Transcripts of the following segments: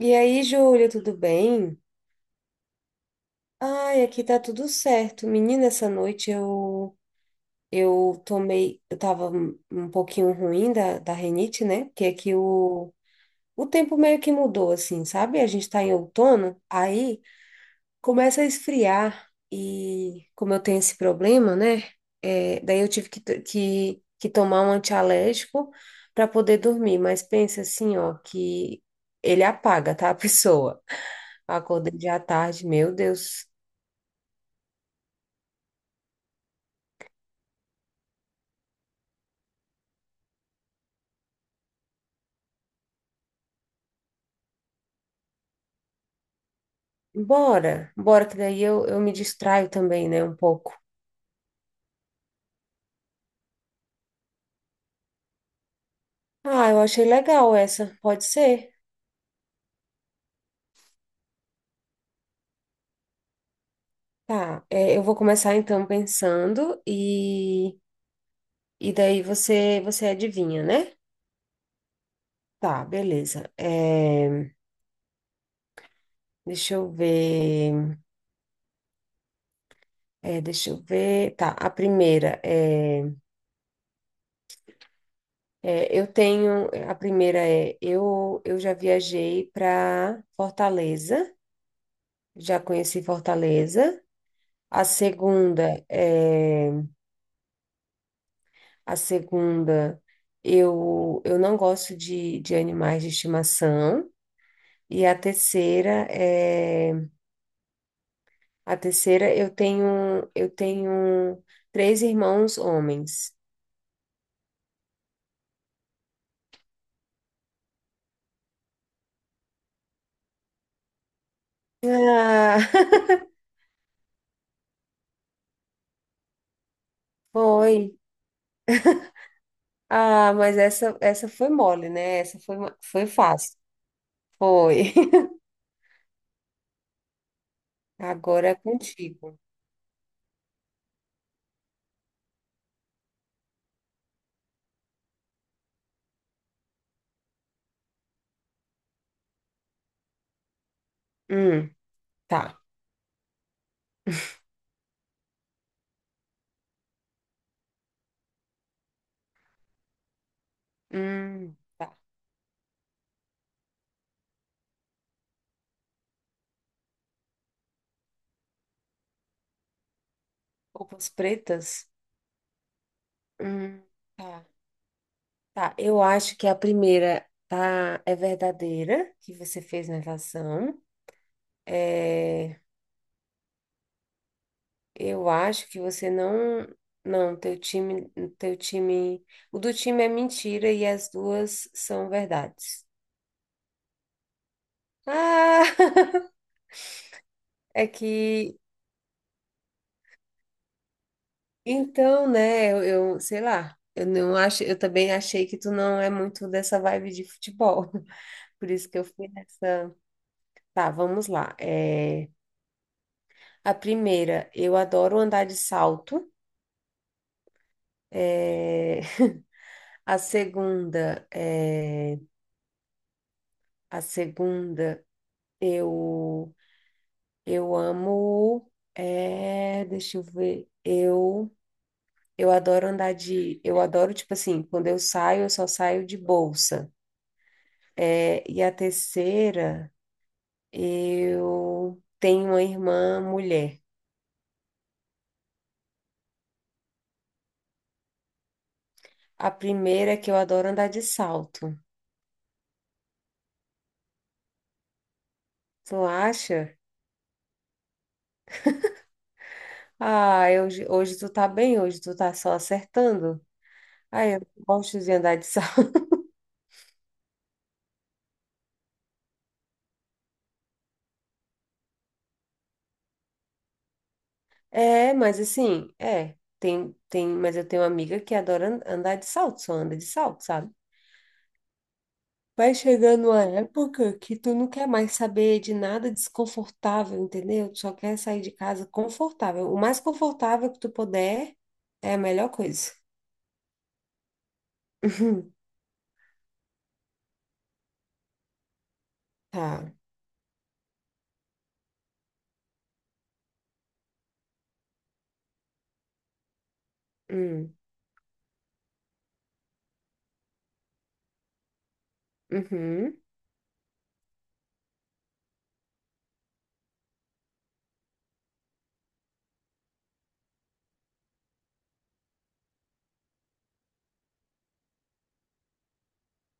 E aí, Júlia, tudo bem? Ai, aqui tá tudo certo. Menina, essa noite eu tomei, eu tava um pouquinho ruim da rinite, né? Porque aqui o tempo meio que mudou, assim, sabe? A gente tá em outono, aí começa a esfriar e como eu tenho esse problema, né? Daí eu tive que tomar um antialérgico para poder dormir, mas pensa assim, ó, que ele apaga, tá, a pessoa. Acordei já à tarde, meu Deus. Bora, bora, que daí eu me distraio também, né, um pouco. Ah, eu achei legal essa, pode ser? Tá, é, eu vou começar então pensando, e daí você adivinha, né? Tá, beleza. Deixa eu ver, deixa eu ver. Tá, a primeira é, eu já viajei para Fortaleza, já conheci Fortaleza. A segunda é a segunda, eu não gosto de animais de estimação e a terceira, eu tenho três irmãos homens. Ah, foi. Ah, mas essa foi mole, né? Foi fácil. Foi. Agora é contigo. Hum, tá. Hum, tá. Roupas pretas? Hum, tá. Tá, eu acho que a primeira tá, é verdadeira, que você fez natação. É, eu acho que você não. Não, teu time. O do time é mentira e as duas são verdades. Ah! É que. Então, né, eu sei lá. Eu não acho, eu também achei que tu não é muito dessa vibe de futebol. Por isso que eu fui nessa. Tá, vamos lá. A primeira, eu adoro andar de salto. É, a segunda, é, a segunda, eu, eu amo, é, deixa eu ver, eu adoro eu adoro, tipo assim, quando eu saio, eu só saio de bolsa. É, e a terceira, eu tenho uma irmã mulher. A primeira é que eu adoro andar de salto. Tu acha? Ah, hoje, hoje tu tá bem, hoje tu tá só acertando. Ah, eu gosto de andar de salto. É, mas assim, mas eu tenho uma amiga que andar de salto, só anda de salto, sabe? Vai chegando uma época que tu não quer mais saber de nada desconfortável, entendeu? Tu só quer sair de casa confortável. O mais confortável que tu puder é a melhor coisa. Uhum. Tá. Hum. Uhum.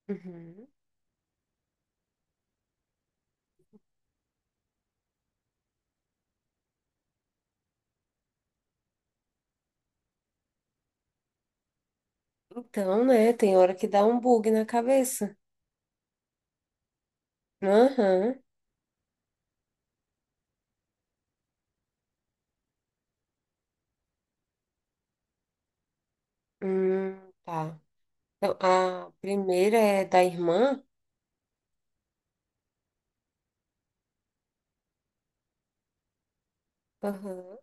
Uhum. Então, né, tem hora que dá um bug na cabeça. Aham. Tá. Então, a primeira é da irmã. Aham.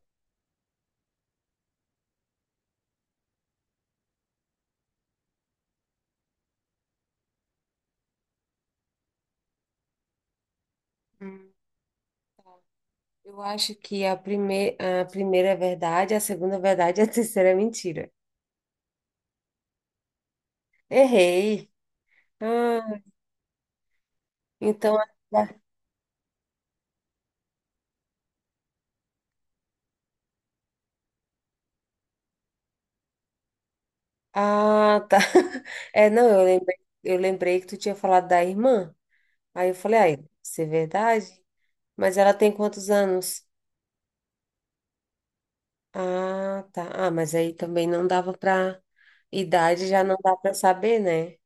Hum. Eu acho que a, prime... A primeira é verdade, a segunda é verdade e a terceira é mentira. Errei. Ah, então. Ah, tá. É, não, eu lembrei que tu tinha falado da irmã. Aí eu falei, ai, isso é verdade? Mas ela tem quantos anos? Ah, tá. Ah, mas aí também não dava pra. Idade já não dá pra saber, né?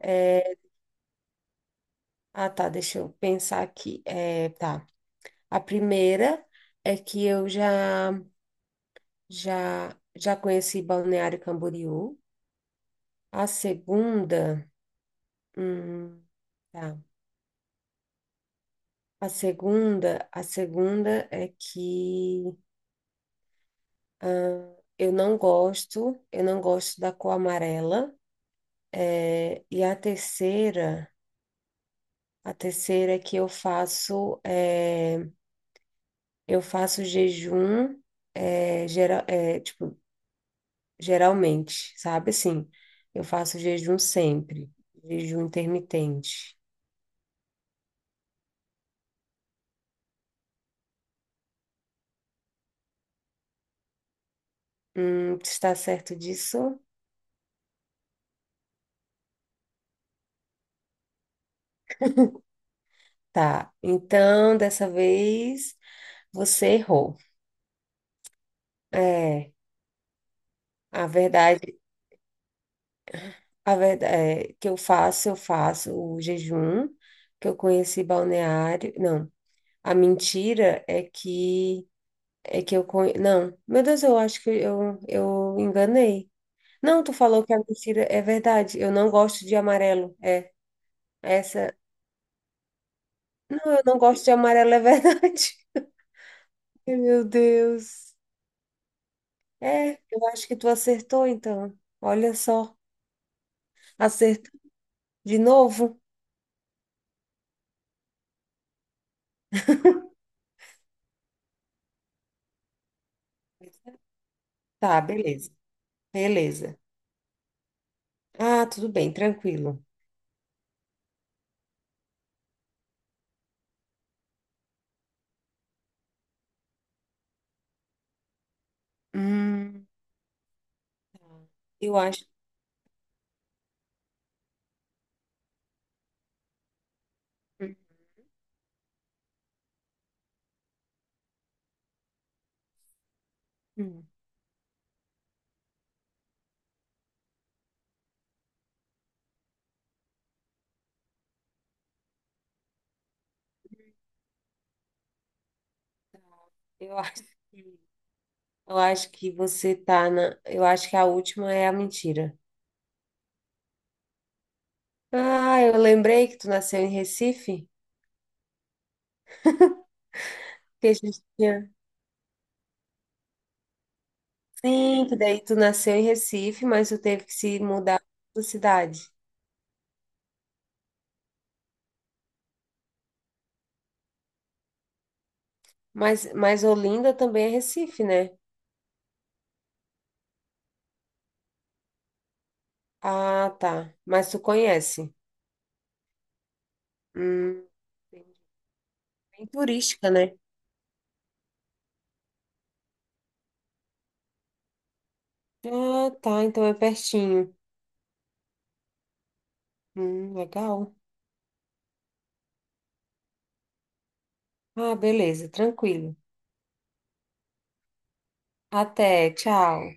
É, ah, tá. Deixa eu pensar aqui. É, tá. A primeira é que eu já. Já, já conheci Balneário Camboriú. A segunda, hum, tá. A segunda é que eu não gosto da cor amarela. É, e a terceira é que eu faço jejum, é, geral, é, tipo, geralmente, sabe assim, eu faço jejum sempre, jejum intermitente. Está certo disso? Tá. Então, dessa vez, você errou. É, a verdade, a verdade é que eu faço o jejum, que eu conheci balneário. Não, a mentira é que não, meu Deus, eu acho que eu enganei. Não, tu falou que a mentira é verdade. Eu não gosto de amarelo. É, essa. Não, eu não gosto de amarelo, é verdade. Ai, meu Deus. É, eu acho que tu acertou, então. Olha só, acertou de novo. Tá, beleza, beleza. Ah, tudo bem, tranquilo. Hum, eu acho, hum, eu acho, que- eu acho que você tá eu acho que a última é a mentira. Ah, eu lembrei que tu nasceu em Recife, que a gente tinha, sim, que daí tu nasceu em Recife, mas tu teve que se mudar para cidade. Mas Olinda também é Recife, né? Ah, tá. Mas tu conhece? Hum, entendi. Bem turística, né? Ah, tá. Então é pertinho. Legal. Ah, beleza. Tranquilo. Até. Tchau.